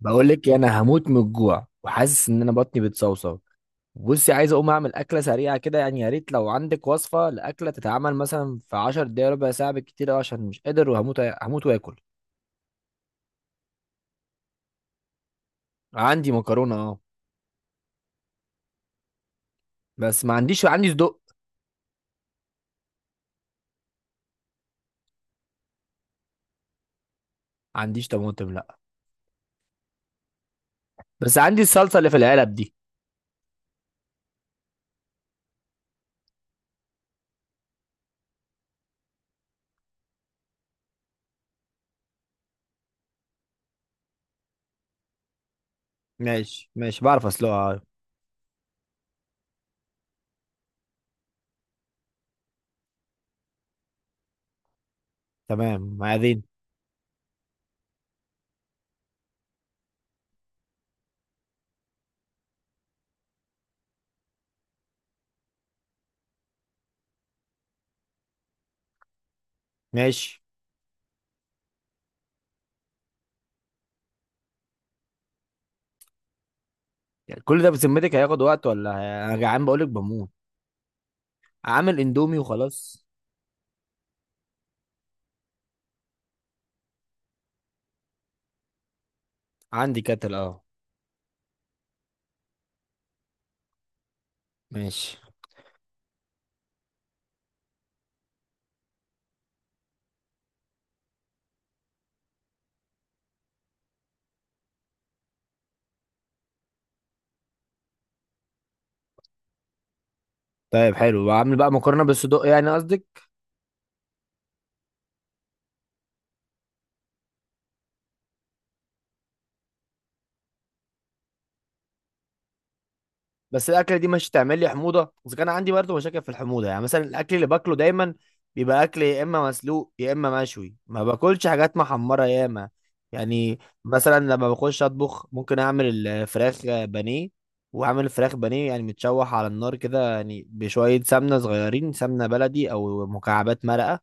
بقول لك إيه، انا هموت من الجوع وحاسس ان انا بطني بتصوصو. بصي، عايز اقوم اعمل اكله سريعه كده يعني، يا ريت لو عندك وصفه لاكله تتعمل مثلا في 10 دقايق، ربع ساعه بالكتير أوي، عشان مش قادر وهموت. هموت واكل. عندي مكرونه اه. بس ما عنديش، عندي صدق. ما عنديش طماطم لا. بس عندي الصلصه اللي في العلب دي. ماشي ماشي، بعرف اسلقها آه. تمام معاذين. ماشي. يعني كل ده بذمتك هياخد وقت ولا؟ انا جعان بقول لك، بموت. عامل اندومي وخلاص. عندي كاتل اه. ماشي. طيب حلو، بعمل بقى مكرونه بالصدق يعني قصدك. بس الاكله دي مش هتعمل لي حموضه؟ اذا كان عندي برضه مشاكل في الحموضه، يعني مثلا الاكل اللي باكله دايما بيبقى اكل يا اما مسلوق يا اما مشوي، ما باكلش حاجات محمره ياما. يعني مثلا لما بخش اطبخ ممكن اعمل الفراخ بانيه. واعمل الفراخ بانيه يعني متشوح على النار كده، يعني بشويه سمنه صغيرين سمنه بلدي او مكعبات مرقه.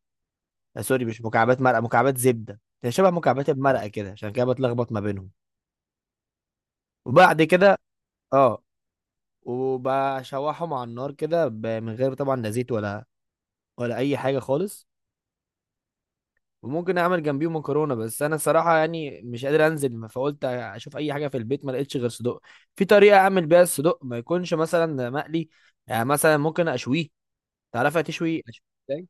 سوري، مش مكعبات مرقه، مكعبات زبده، هي شبه مكعبات المرقه كده، عشان كده بتلخبط ما بينهم. وبعد كده اه، وبشوحهم على النار كده من غير طبعا لا زيت ولا اي حاجه خالص. وممكن اعمل جنبيهم مكرونه، بس انا الصراحه يعني مش قادر انزل، فقلت اشوف اي حاجه في البيت، ما لقيتش غير صدق. في طريقه اعمل بيها الصدق ما يكونش مثلا مقلي؟ يعني مثلا ممكن اشويه. تعرف تشوي أشوي؟ ازاي؟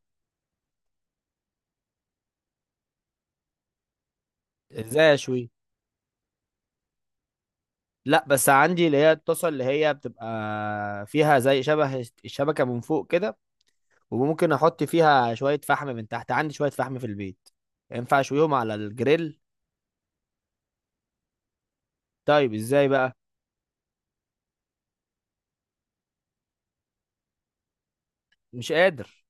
ازاي اشويه؟ لا بس عندي اللي هي الطاسه اللي هي بتبقى فيها زي شبه الشبكه من فوق كده. وممكن احط فيها شويه فحم من تحت، عندي شويه فحم في البيت. ينفع اشويهم على الجريل؟ طيب ازاي بقى؟ مش قادر.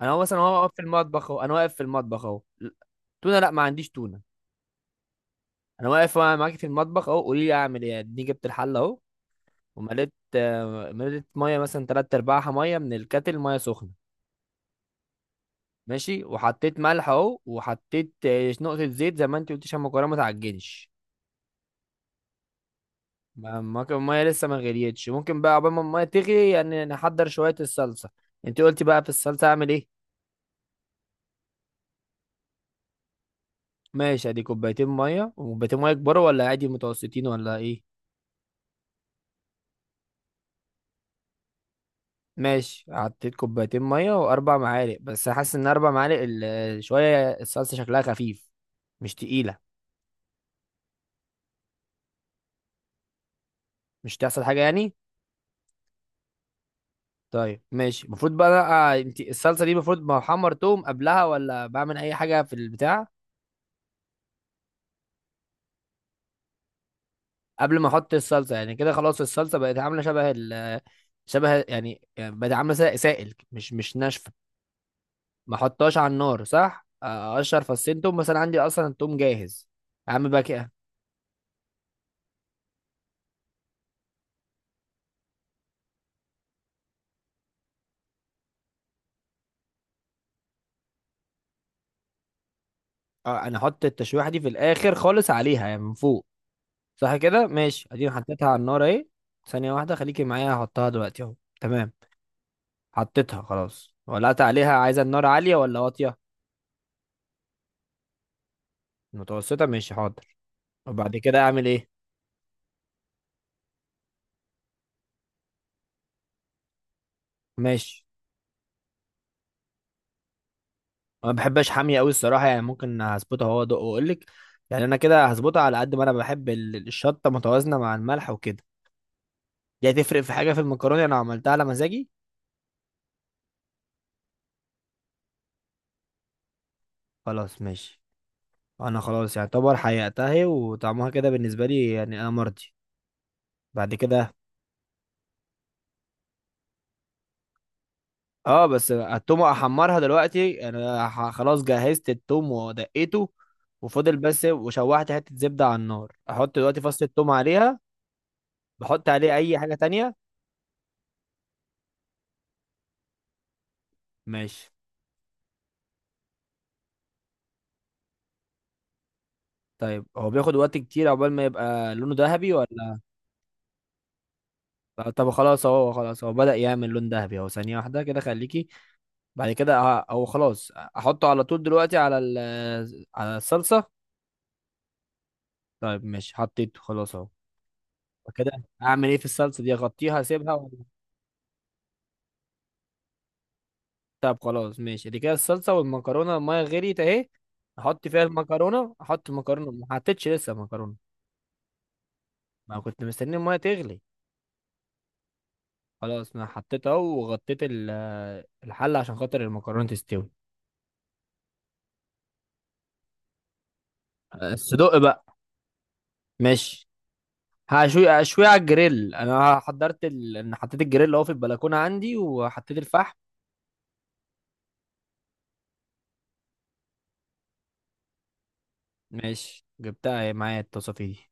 انا هو مثلا، هو واقف في المطبخ اهو، انا واقف في المطبخ اهو تونه لا، ما عنديش تونه. انا واقف أهو معاكي في المطبخ اهو، قولي لي اعمل ايه. اديني جبت الحله اهو. ومليت آه، مليت ميه، مثلا تلات ارباعها ميه من الكاتل، ميه سخنه. ماشي، وحطيت ملح اهو، وحطيت نقطه زيت زي ما انت قلت عشان المكرونه ما تعجنش. الميه لسه ما غليتش. ممكن بقى عقبال ما الميه تغلي يعني نحضر شويه الصلصه. انت قلتي بقى في الصلصه اعمل ايه؟ ماشي. ادي كوبايتين ميه، وكوبايتين ميه كبار ولا عادي، متوسطين، ولا ايه؟ ماشي. حطيت كوبايتين ميه واربع معالق، بس حاسس ان اربع معالق شويه الصلصه شكلها خفيف، مش تقيله. مش تحصل حاجه يعني؟ طيب ماشي، المفروض بقى انت الصلصه دي المفروض بحمر توم قبلها، ولا بعمل اي حاجه في البتاع قبل ما احط الصلصه يعني؟ كده خلاص الصلصه بقت عامله شبه يعني بقت عامله سائل، مش ناشفه. ما احطهاش على النار صح؟ اقشر فصين توم، بس انا عندي اصلا التوم جاهز يا عم بقى كده. انا احط التشويحه دي في الاخر خالص عليها يعني من فوق؟ صح كده ماشي. اديني حطيتها على النار اهي. ثانيه واحده خليكي معايا، هحطها دلوقتي اهو. تمام. حطيتها خلاص، ولعت عليها. عايزه النار عاليه ولا واطيه؟ متوسطه ماشي، حاضر. وبعد كده اعمل ايه؟ ماشي. ما بحبش حاميه قوي الصراحه، يعني ممكن هظبطها هو ادق واقول لك. يعني انا كده هظبطها على قد ما انا بحب الشطه متوازنه مع الملح وكده. دي هتفرق في حاجة في المكرونة؟ انا عملتها على مزاجي. خلاص ماشي. انا خلاص يعتبر حققتها هي، وطعمها كده بالنسبة لي يعني انا مرضي. بعد كده اه. بس التوم، احمرها دلوقتي. انا خلاص جهزت التوم ودقيته وفضل بس، وشوحت حتة زبدة على النار. احط دلوقتي فص التوم عليها. بحط عليه اي حاجة تانية؟ ماشي. طيب هو بياخد وقت كتير عقبال ما يبقى لونه ذهبي ولا؟ طب خلاص اهو، خلاص هو بدأ يعمل لون ذهبي اهو. ثانية واحدة كده خليكي. بعد كده هو خلاص احطه على طول دلوقتي على على الصلصه؟ طيب ماشي، حطيته خلاص اهو. كده اعمل ايه في الصلصه دي؟ اغطيها، اسيبها، ولا؟ طب خلاص ماشي، دي كده الصلصه والمكرونه. الميه غليت اهي، احط فيها المكرونه؟ احط المكرونه، ما حطيتش لسه المكرونه، ما كنت مستني الميه تغلي. خلاص انا حطيتها اهو، وغطيت الحله عشان خاطر المكرونه تستوي. الصدق بقى. ماشي، هشوي، اشوي على الجريل. انا حضرت ال... انا حطيت الجريل اهو في البلكونه عندي، وحطيت الفحم. ماشي، جبتها معايا التصافي دي.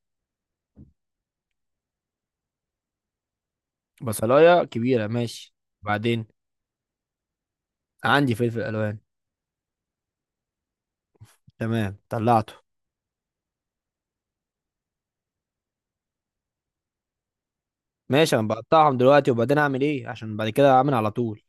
بصلاية كبيرة ماشي. بعدين؟ عندي فلفل ألوان. تمام طلعته. ماشي، أنا بقطعهم دلوقتي، وبعدين أعمل إيه؟ عشان بعد كده أعمل على طول.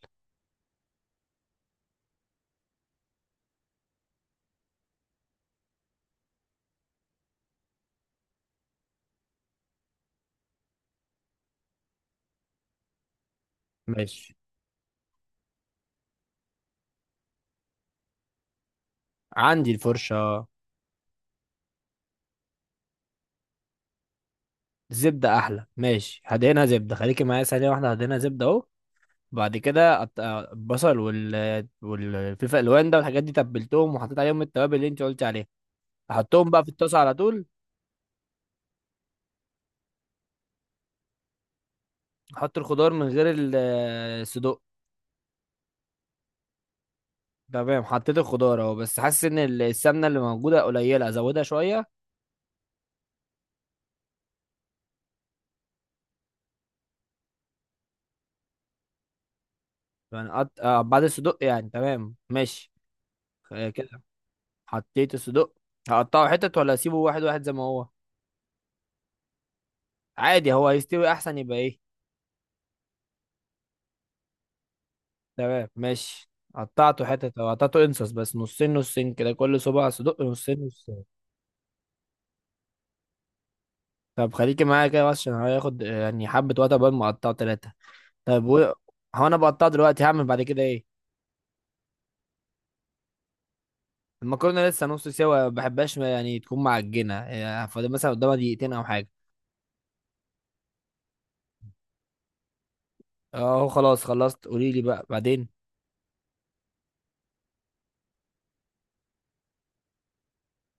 ماشي. عندي الفرشة. زبدة أحلى ماشي، هدينا زبدة، خليكي معايا ثانية واحدة، هدينا زبدة أهو. بعد كده البصل وال والفلفل الألوان ده والحاجات دي، تبلتهم وحطيت عليهم التوابل اللي أنت قلتي عليها. أحطهم بقى في الطاسة على طول؟ أحط الخضار من غير الصدوق؟ تمام، حطيت الخضار اهو، بس حاسس ان السمنه اللي موجوده قليله، ازودها شويه؟ يعني آه بعد الصدق يعني، تمام ماشي. آه كده. حطيت الصدق. هقطعه حتت، ولا اسيبه واحد واحد زي ما هو؟ عادي، هو هيستوي احسن يبقى ايه؟ تمام ماشي. قطعته حتت، او قطعته انصص، بس نصين نصين كده، كل صباع صدق نصين نصين. طب خليكي معايا كده بس، عشان هياخد يعني حبه وقت قبل ما اقطعه ثلاثه. طب و... هو انا بقطعه دلوقتي، هعمل بعد كده ايه؟ المكرونه لسه نص سوا، ما بحبهاش يعني تكون معجنه، يعني فاضل مثلا قدامها دقيقتين او حاجه. اهو خلاص خلصت، قولي لي بقى بعدين.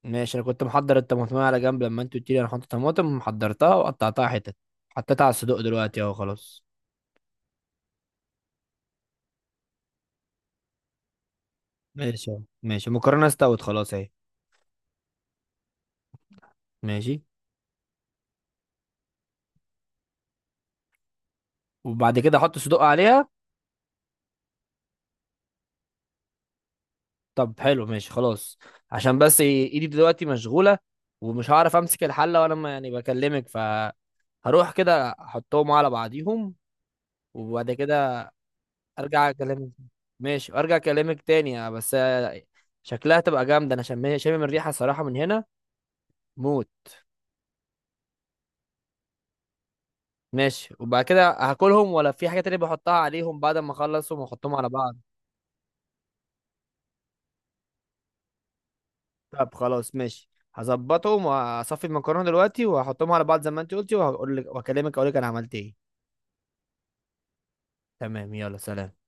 ماشي، انا كنت محضر الطماطم على جنب لما انت قلت لي، انا حاطط طماطم، محضرتها وقطعتها حتت، حطيتها على الصدوق دلوقتي اهو خلاص. ماشي اهو ماشي، المكرونه استوت خلاص اهي. ماشي، وبعد كده احط صدوق عليها؟ طب حلو ماشي خلاص. عشان بس إيه، ايدي دلوقتي مشغوله ومش هعرف امسك الحله وانا ما يعني بكلمك، ف هروح كده احطهم على بعضيهم، وبعد كده ارجع اكلمك. ماشي وارجع اكلمك تاني ، بس شكلها تبقى جامده، انا شامم الريحه الصراحه من هنا. موت. ماشي، وبعد كده هاكلهم ولا في حاجه تانية بحطها عليهم بعد ما اخلصهم واحطهم على بعض؟ طب خلاص ماشي، هظبطهم وهصفي المكرونه دلوقتي وهحطهم على بعض زي ما انت قلتي، وهقول لك واكلمك اقول لك انا عملت ايه. تمام، يلا سلام.